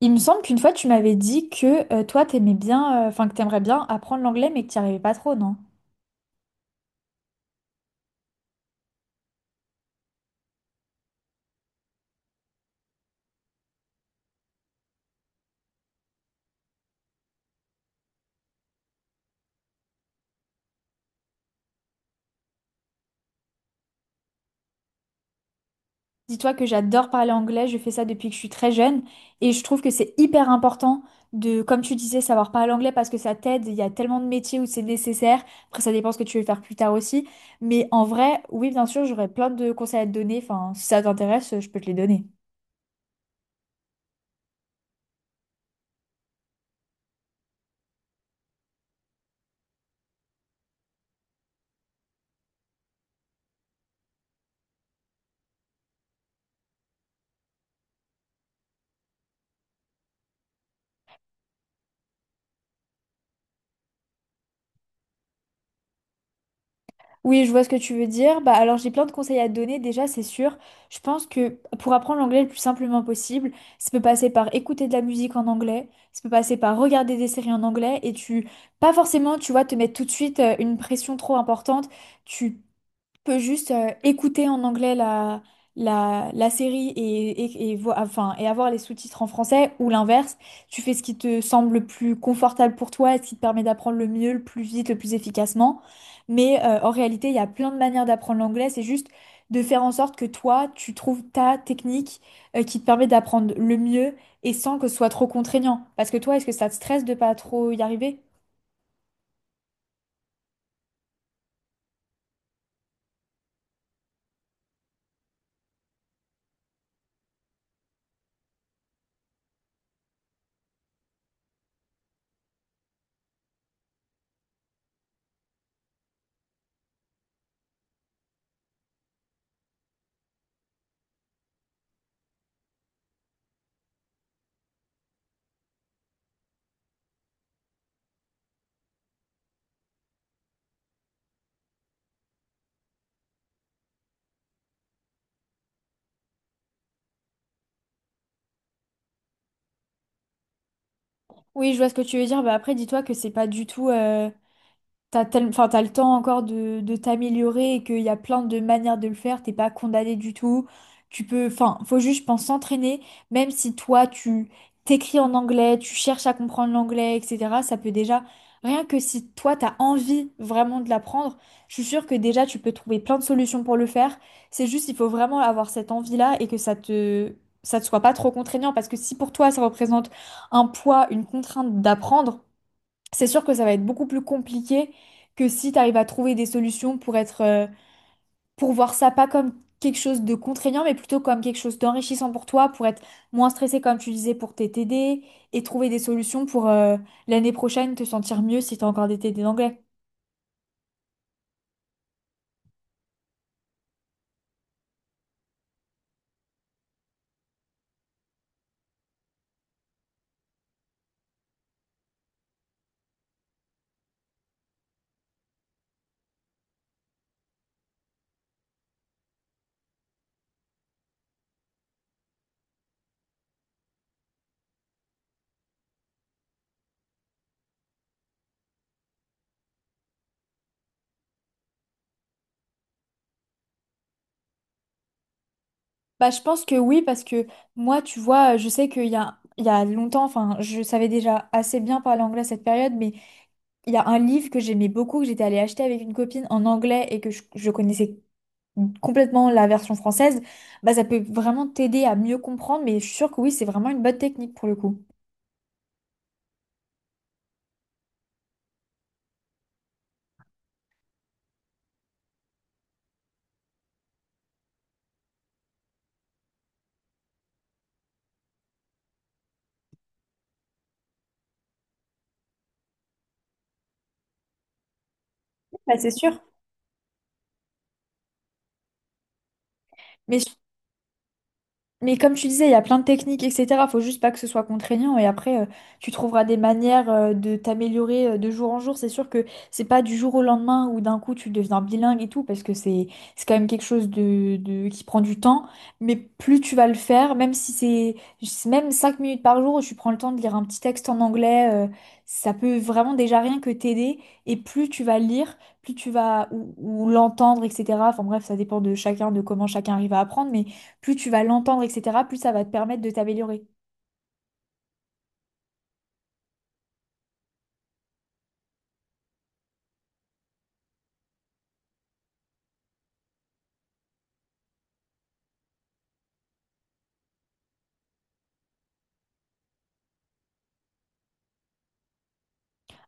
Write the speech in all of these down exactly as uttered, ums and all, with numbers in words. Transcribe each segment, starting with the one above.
Il me semble qu'une fois tu m'avais dit que euh, toi t'aimais bien, euh, enfin que t'aimerais bien apprendre l'anglais mais que t'y arrivais pas trop, non? Dis-toi que j'adore parler anglais, je fais ça depuis que je suis très jeune et je trouve que c'est hyper important de, comme tu disais, savoir parler anglais parce que ça t'aide, il y a tellement de métiers où c'est nécessaire, après ça dépend ce que tu veux faire plus tard aussi, mais en vrai, oui bien sûr j'aurais plein de conseils à te donner, enfin si ça t'intéresse je peux te les donner. Oui, je vois ce que tu veux dire. Bah, alors j'ai plein de conseils à te donner déjà, c'est sûr. Je pense que pour apprendre l'anglais le plus simplement possible, ça peut passer par écouter de la musique en anglais, ça peut passer par regarder des séries en anglais et tu, pas forcément, tu vois, te mettre tout de suite euh, une pression trop importante. Tu peut juste euh, écouter en anglais la, la, la série et, et, et vo- enfin, et avoir les sous-titres en français ou l'inverse. Tu fais ce qui te semble le plus confortable pour toi et ce qui te permet d'apprendre le mieux, le plus vite, le plus efficacement. Mais euh, en réalité, il y a plein de manières d'apprendre l'anglais. C'est juste de faire en sorte que toi, tu trouves ta technique euh, qui te permet d'apprendre le mieux et sans que ce soit trop contraignant. Parce que toi, est-ce que ça te stresse de pas trop y arriver? Oui, je vois ce que tu veux dire. Bah après, dis-toi que c'est pas du tout. euh, T'as tel- enfin, t'as le temps encore de, de t'améliorer et qu'il y a plein de manières de le faire, t'es pas condamné du tout. Tu peux, enfin, faut juste, je pense, s'entraîner, même si toi, tu t'écris en anglais, tu cherches à comprendre l'anglais, et cetera. Ça peut déjà, rien que si toi, t'as envie vraiment de l'apprendre, je suis sûre que déjà, tu peux trouver plein de solutions pour le faire. C'est juste, il faut vraiment avoir cette envie-là et que ça te, ça te soit pas trop contraignant parce que si pour toi, ça représente un poids, une contrainte d'apprendre, c'est sûr que ça va être beaucoup plus compliqué que si tu arrives à trouver des solutions pour être, euh, pour voir ça pas comme quelque chose de contraignant, mais plutôt comme quelque chose d'enrichissant pour toi, pour être moins stressé, comme tu disais, pour t'aider T D, et trouver des solutions pour euh, l'année prochaine te sentir mieux si tu as encore des T D d'anglais. Bah, je pense que oui, parce que moi, tu vois, euh, je sais qu'il y a, il y a longtemps, enfin, je savais déjà assez bien parler anglais à cette période, mais il y a un livre que j'aimais beaucoup, que j'étais allée acheter avec une copine en anglais et que je, je connaissais complètement la version française, bah, ça peut vraiment t'aider à mieux comprendre, mais je suis sûre que oui, c'est vraiment une bonne technique pour le coup. Bah, c'est sûr. Mais Mais comme tu disais, il y a plein de techniques, et cetera. Faut juste pas que ce soit contraignant et après, euh, tu trouveras des manières euh, de t'améliorer euh, de jour en jour. C'est sûr que c'est pas du jour au lendemain où d'un coup tu deviens bilingue et tout, parce que c'est c'est quand même quelque chose de, de- qui prend du temps. Mais plus tu vas le faire, même si c'est c'est même cinq minutes par jour où tu prends le temps de lire un petit texte en anglais, euh, ça peut vraiment déjà rien que t'aider. Et plus tu vas lire, plus tu vas ou, ou l'entendre, et cetera. Enfin bref, ça dépend de chacun, de comment chacun arrive à apprendre. Mais plus tu vas l'entendre, et cetera, plus ça va te permettre de t'améliorer.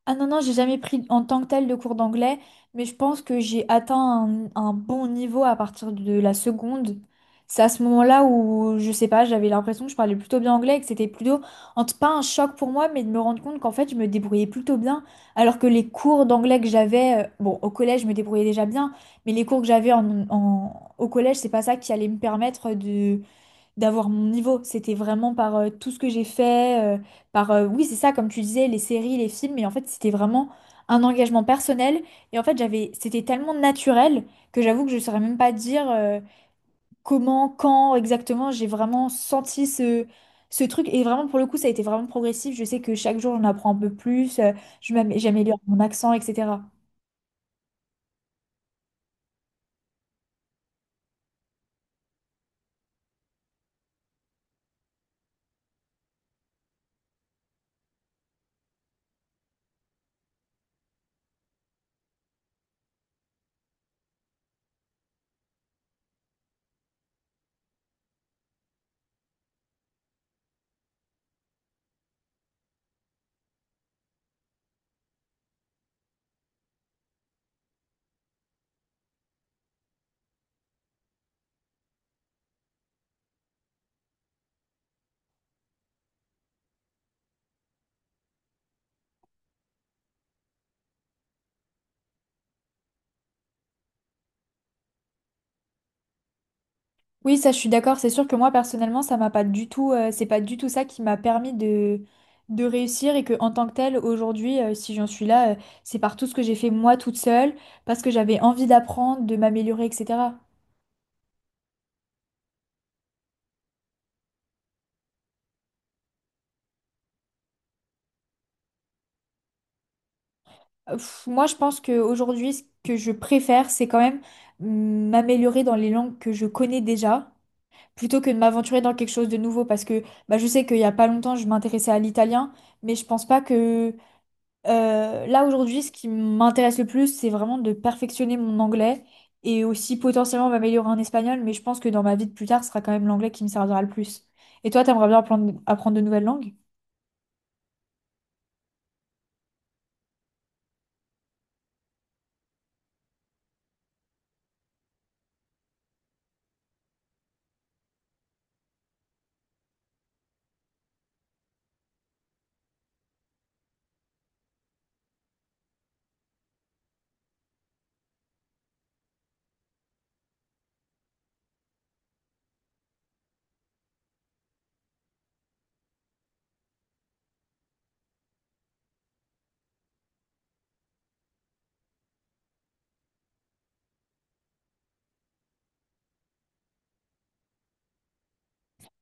Ah non, non, j'ai jamais pris en tant que tel de cours d'anglais, mais je pense que j'ai atteint un, un bon niveau à partir de la seconde. C'est à ce moment-là où, je sais pas, j'avais l'impression que je parlais plutôt bien anglais et que c'était plutôt, en t- pas un choc pour moi, mais de me rendre compte qu'en fait, je me débrouillais plutôt bien. Alors que les cours d'anglais que j'avais, euh, bon, au collège, je me débrouillais déjà bien, mais les cours que j'avais en, en- au collège, c'est pas ça qui allait me permettre de d'avoir mon niveau. C'était vraiment par euh, tout ce que j'ai fait, euh, par euh, oui, c'est ça, comme tu disais, les séries, les films, mais en fait, c'était vraiment un engagement personnel. Et en fait, j'avais, c'était tellement naturel que j'avoue que je ne saurais même pas dire euh, comment, quand exactement j'ai vraiment senti ce. Ce truc, et vraiment pour le coup, ça a été vraiment progressif. Je sais que chaque jour, j'en apprends un peu plus, euh, je m'am- j'améliore mon accent, et cetera. Oui, ça, je suis d'accord. C'est sûr que moi, personnellement, ça m'a pas du tout, euh, c'est pas du tout ça qui m'a permis de, de réussir et que, en tant que telle, aujourd'hui, euh, si j'en suis là, euh, c'est par tout ce que j'ai fait moi toute seule, parce que j'avais envie d'apprendre, de m'améliorer, et cetera. Euh, pff, moi, je pense qu'aujourd'hui, ce que je préfère, c'est quand même mm, m'améliorer dans les langues que je connais déjà, plutôt que de m'aventurer dans quelque chose de nouveau, parce que bah, je sais qu'il y a pas longtemps, je m'intéressais à l'italien, mais je pense pas que Euh, là aujourd'hui, ce qui m'intéresse le plus, c'est vraiment de perfectionner mon anglais et aussi potentiellement m'améliorer en espagnol, mais je pense que dans ma vie de plus tard, ce sera quand même l'anglais qui me servira le plus. Et toi, t'aimerais bien apprendre, apprendre de nouvelles langues?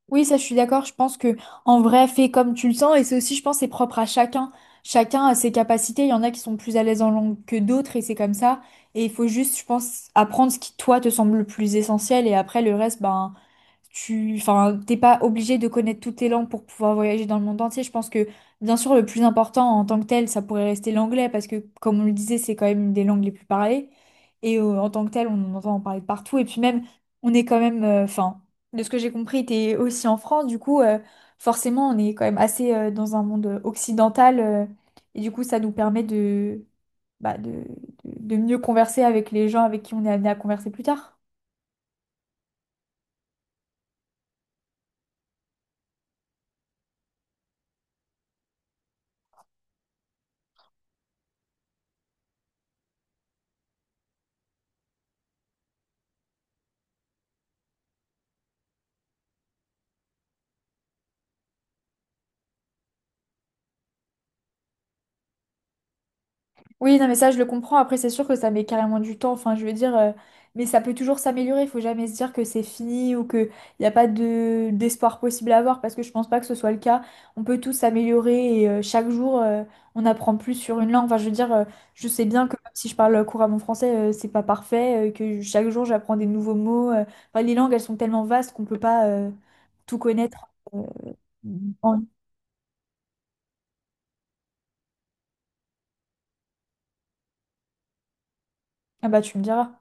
Oui, ça, je suis d'accord. Je pense que en vrai, fais comme tu le sens, et c'est aussi, je pense, c'est propre à chacun. Chacun a ses capacités. Il y en a qui sont plus à l'aise en langue que d'autres, et c'est comme ça. Et il faut juste, je pense, apprendre ce qui toi te semble le plus essentiel, et après le reste, ben tu, enfin, t'es pas obligé de connaître toutes les langues pour pouvoir voyager dans le monde entier. Je pense que, bien sûr, le plus important en tant que tel, ça pourrait rester l'anglais, parce que, comme on le disait, c'est quand même une des langues les plus parlées. Et euh, en tant que tel, on en entend en parler de partout. Et puis même, on est quand même, euh, enfin, de ce que j'ai compris, t'es aussi en France, du coup, euh, forcément, on est quand même assez euh, dans un monde occidental. Euh, et du coup, ça nous permet de, bah, de, de de mieux converser avec les gens avec qui on est amené à converser plus tard. Oui, non, mais ça, je le comprends. Après, c'est sûr que ça met carrément du temps. Enfin, je veux dire, euh, mais ça peut toujours s'améliorer. Il faut jamais se dire que c'est fini ou qu'il n'y a pas de d'espoir possible à avoir parce que je pense pas que ce soit le cas. On peut tous s'améliorer et euh, chaque jour, euh, on apprend plus sur une langue. Enfin, je veux dire, euh, je sais bien que même si je parle couramment français, euh, c'est pas parfait, euh, que chaque jour, j'apprends des nouveaux mots. euh. Enfin, les langues, elles sont tellement vastes qu'on peut pas euh, tout connaître. euh, en- Ah bah, tu me diras.